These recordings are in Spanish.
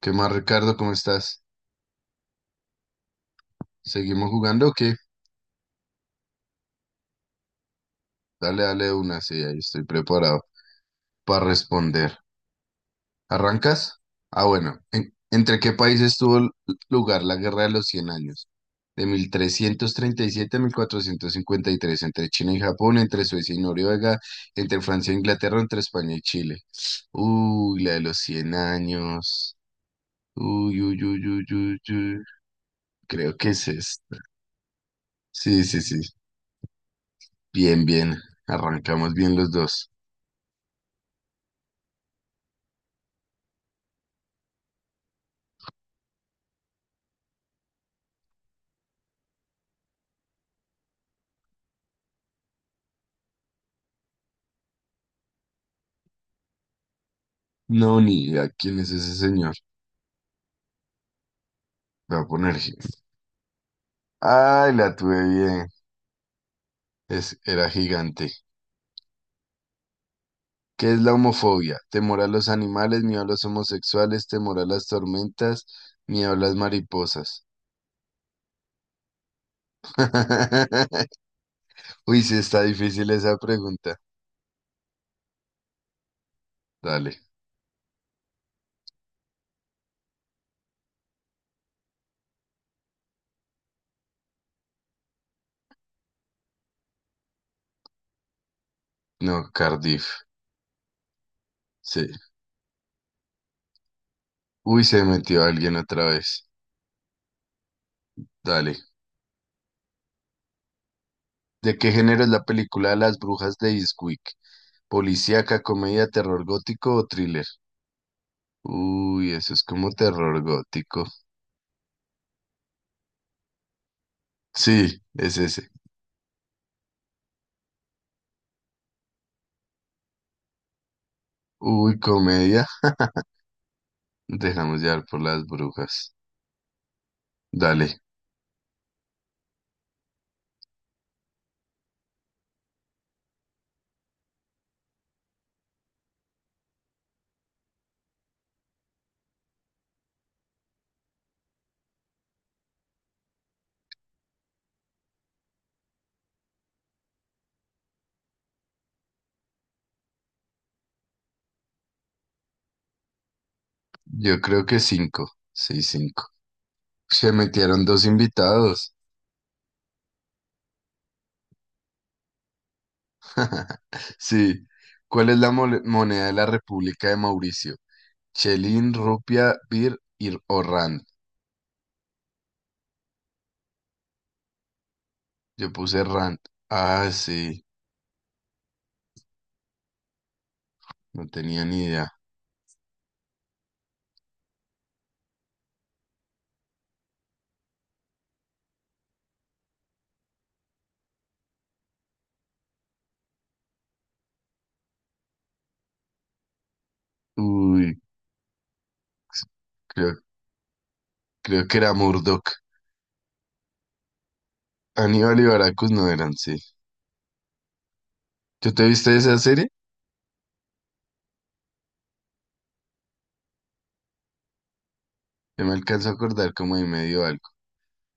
¿Qué más, Ricardo? ¿Cómo estás? ¿Seguimos jugando o qué? Dale, dale de una, sí, ahí estoy preparado para responder. ¿Arrancas? Ah, bueno. ¿Entre qué países lugar la Guerra de los Cien años? De 1337 a mil cuatrocientos cincuenta y tres, entre China y Japón, entre Suecia y Noruega, entre Francia e Inglaterra, entre España y Chile. Uy, la de los 100 años. Uy, uy, uy, uy, uy, uy. Creo que es esta. Sí, sí, sí. Bien, bien. Arrancamos bien los dos. No, ni idea quién es ese señor. Voy a poner. Ay, la tuve bien. Es, era gigante. ¿Qué es la homofobia? Temor a los animales, miedo a los homosexuales, temor a las tormentas, miedo a las mariposas. Uy, sí está difícil esa pregunta. Dale. No, Cardiff. Sí. Uy, se metió alguien otra vez. Dale. ¿De qué género es la película Las Brujas de Eastwick? ¿Policíaca, comedia, terror gótico o thriller? Uy, eso es como terror gótico. Sí, es ese. Uy, comedia. Nos dejamos llevar por las brujas. Dale, yo creo que cinco. Sí, cinco. Se metieron dos invitados. Sí. ¿Cuál es la moneda de la República de Mauricio? Chelín, rupia, bir o rand. Yo puse rand. Ah, sí. No tenía ni idea. Uy, creo, creo que era Murdoch. Aníbal y Baracus no eran, sí. ¿Tú te viste esa serie? Yo me alcanzo a acordar como de medio algo.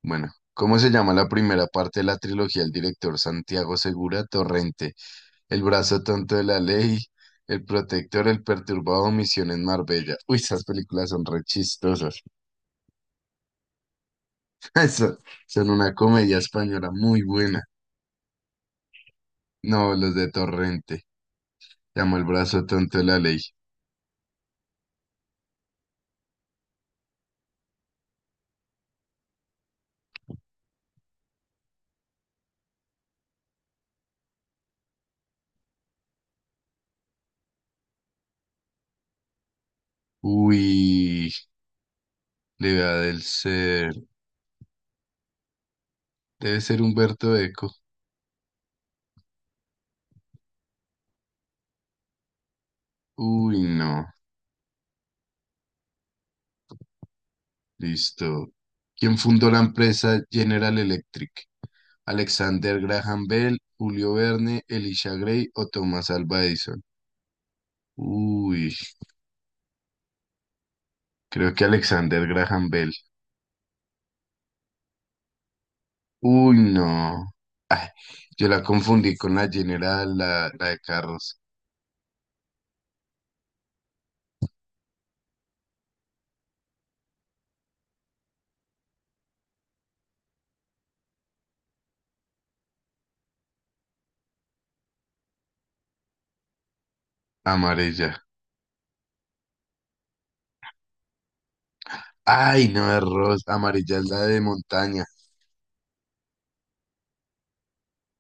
Bueno, ¿cómo se llama la primera parte de la trilogía del director Santiago Segura Torrente? El brazo tonto de la ley, El protector, El perturbado, Misión en Marbella. Uy, esas películas son re chistosas. Eso- Son una comedia española muy buena. No, los de Torrente. Se llama El brazo tonto de la ley. Uy, le va del ser. Debe ser Humberto Eco. Uy, no. Listo. ¿Quién fundó la empresa General Electric? Alexander Graham Bell, Julio Verne, Elisha Gray o Thomas Alva Edison. Uy, creo que Alexander Graham Bell. Uy, no. Ay, yo la confundí con la General, la de carros. Amarilla. Ay, no, es rosa. Amarilla es la de montaña.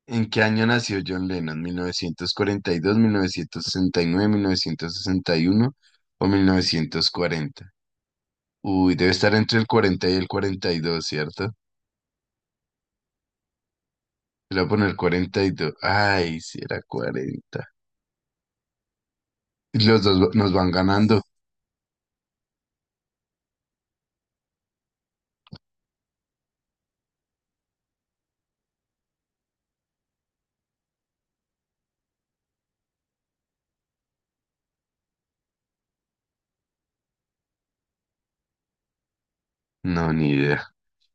¿En qué año nació John Lennon? Mil mil mil novecientos novecientos novecientos cuarenta y dos, mil novecientos sesenta y nueve, mil novecientos sesenta y uno o 1940. Uy, debe estar entre el 42, ¿cierto? Le voy a poner 42. Ay, si era 40. Y nos van ganando. No, ni idea.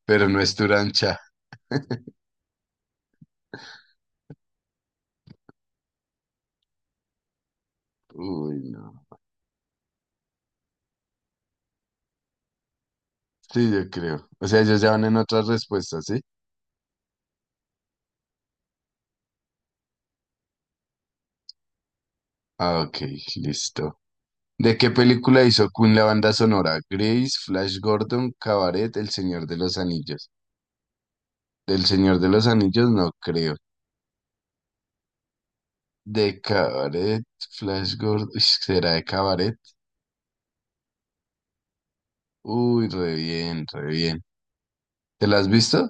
Pero no es Turancha. Uy, no. Sí, yo creo. O sea, ellos ya van en otras respuestas, ¿sí? Ah, ok, listo. ¿De qué película hizo Queen la banda sonora? Grace, Flash Gordon, Cabaret, El Señor de los Anillos. Del Señor de los Anillos no creo. De Cabaret, Flash Gordon. Uy, ¿será de Cabaret? Uy, re bien, re bien. ¿Te la has visto?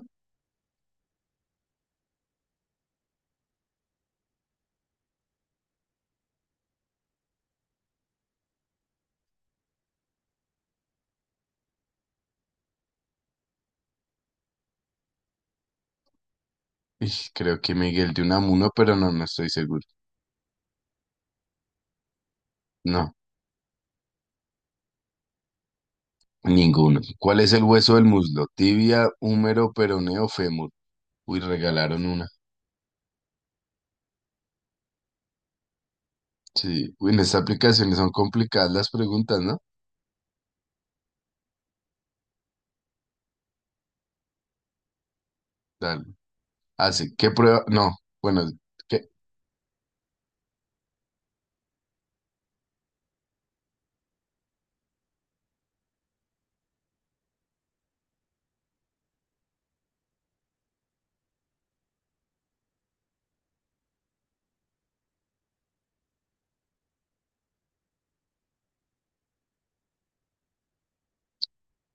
Ij, creo que Miguel de Unamuno, pero no, no estoy seguro. No, ninguno. ¿Cuál es el hueso del muslo? Tibia, húmero, peroneo, fémur. Uy, regalaron una. Sí. Uy, en estas aplicaciones son complicadas las preguntas, ¿no? Dale. Hace, ¿qué prueba? No. Bueno, ¿qué?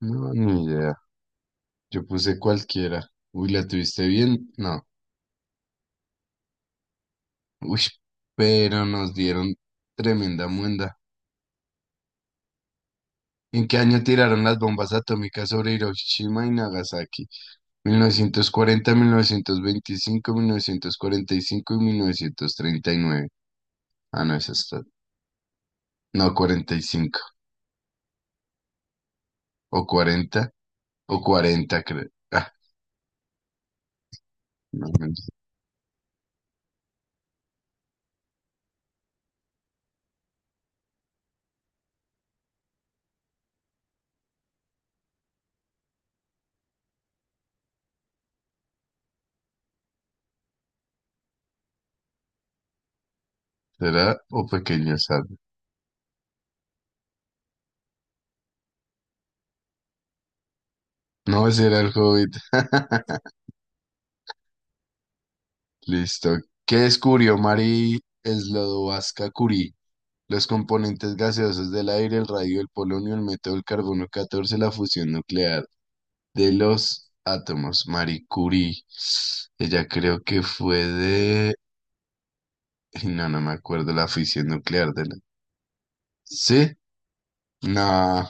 No, ni idea. Yo puse cualquiera. Uy, ¿la tuviste bien? No. Uy, pero nos dieron tremenda muenda. ¿En qué año tiraron las bombas atómicas sobre Hiroshima y Nagasaki? 1940, 1925, 1945 y 1939. Ah, no, esa está. No, 45. O 40, o 40, creo. Ah, no, no, será o pequeño sad. No, será el Hobbit. Listo. ¿Qué descubrió Marie Slodowska Curie? Los componentes gaseosos del aire, el radio, el polonio, el método del carbono 14, la fusión nuclear. De los átomos, Marie Curie. Ella creo que fue de... No, no me acuerdo la fisión nuclear de la... ¿Sí? No,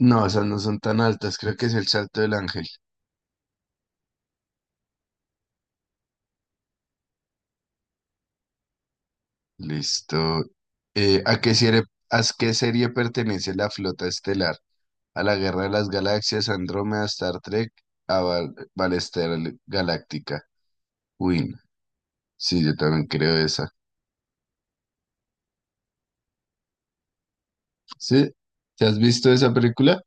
no, esas no son tan altas. Creo que es el salto del ángel. Listo. Eh, ¿a qué serie, ¿A qué serie pertenece la flota estelar? ¿A la Guerra de las Galaxias, Andrómeda, Star Trek, a Val Battlestar Galáctica? Win. Sí, yo también creo esa. ¿Sí? ¿Te has visto esa película?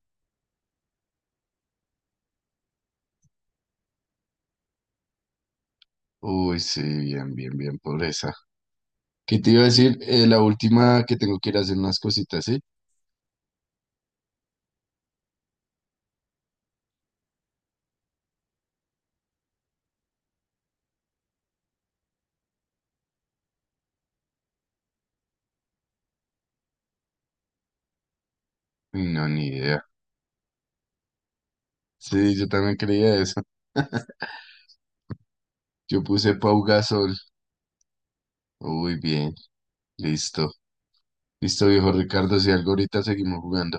Uy, sí, bien, bien, bien, pobreza. ¿Qué te iba a decir? La última, que tengo que ir a hacer unas cositas, ¿sí? Uy, no, ni idea. Sí, yo también creía eso. Yo puse Pau Gasol. Uy, bien, listo. Listo, viejo Ricardo, si algo ahorita seguimos jugando.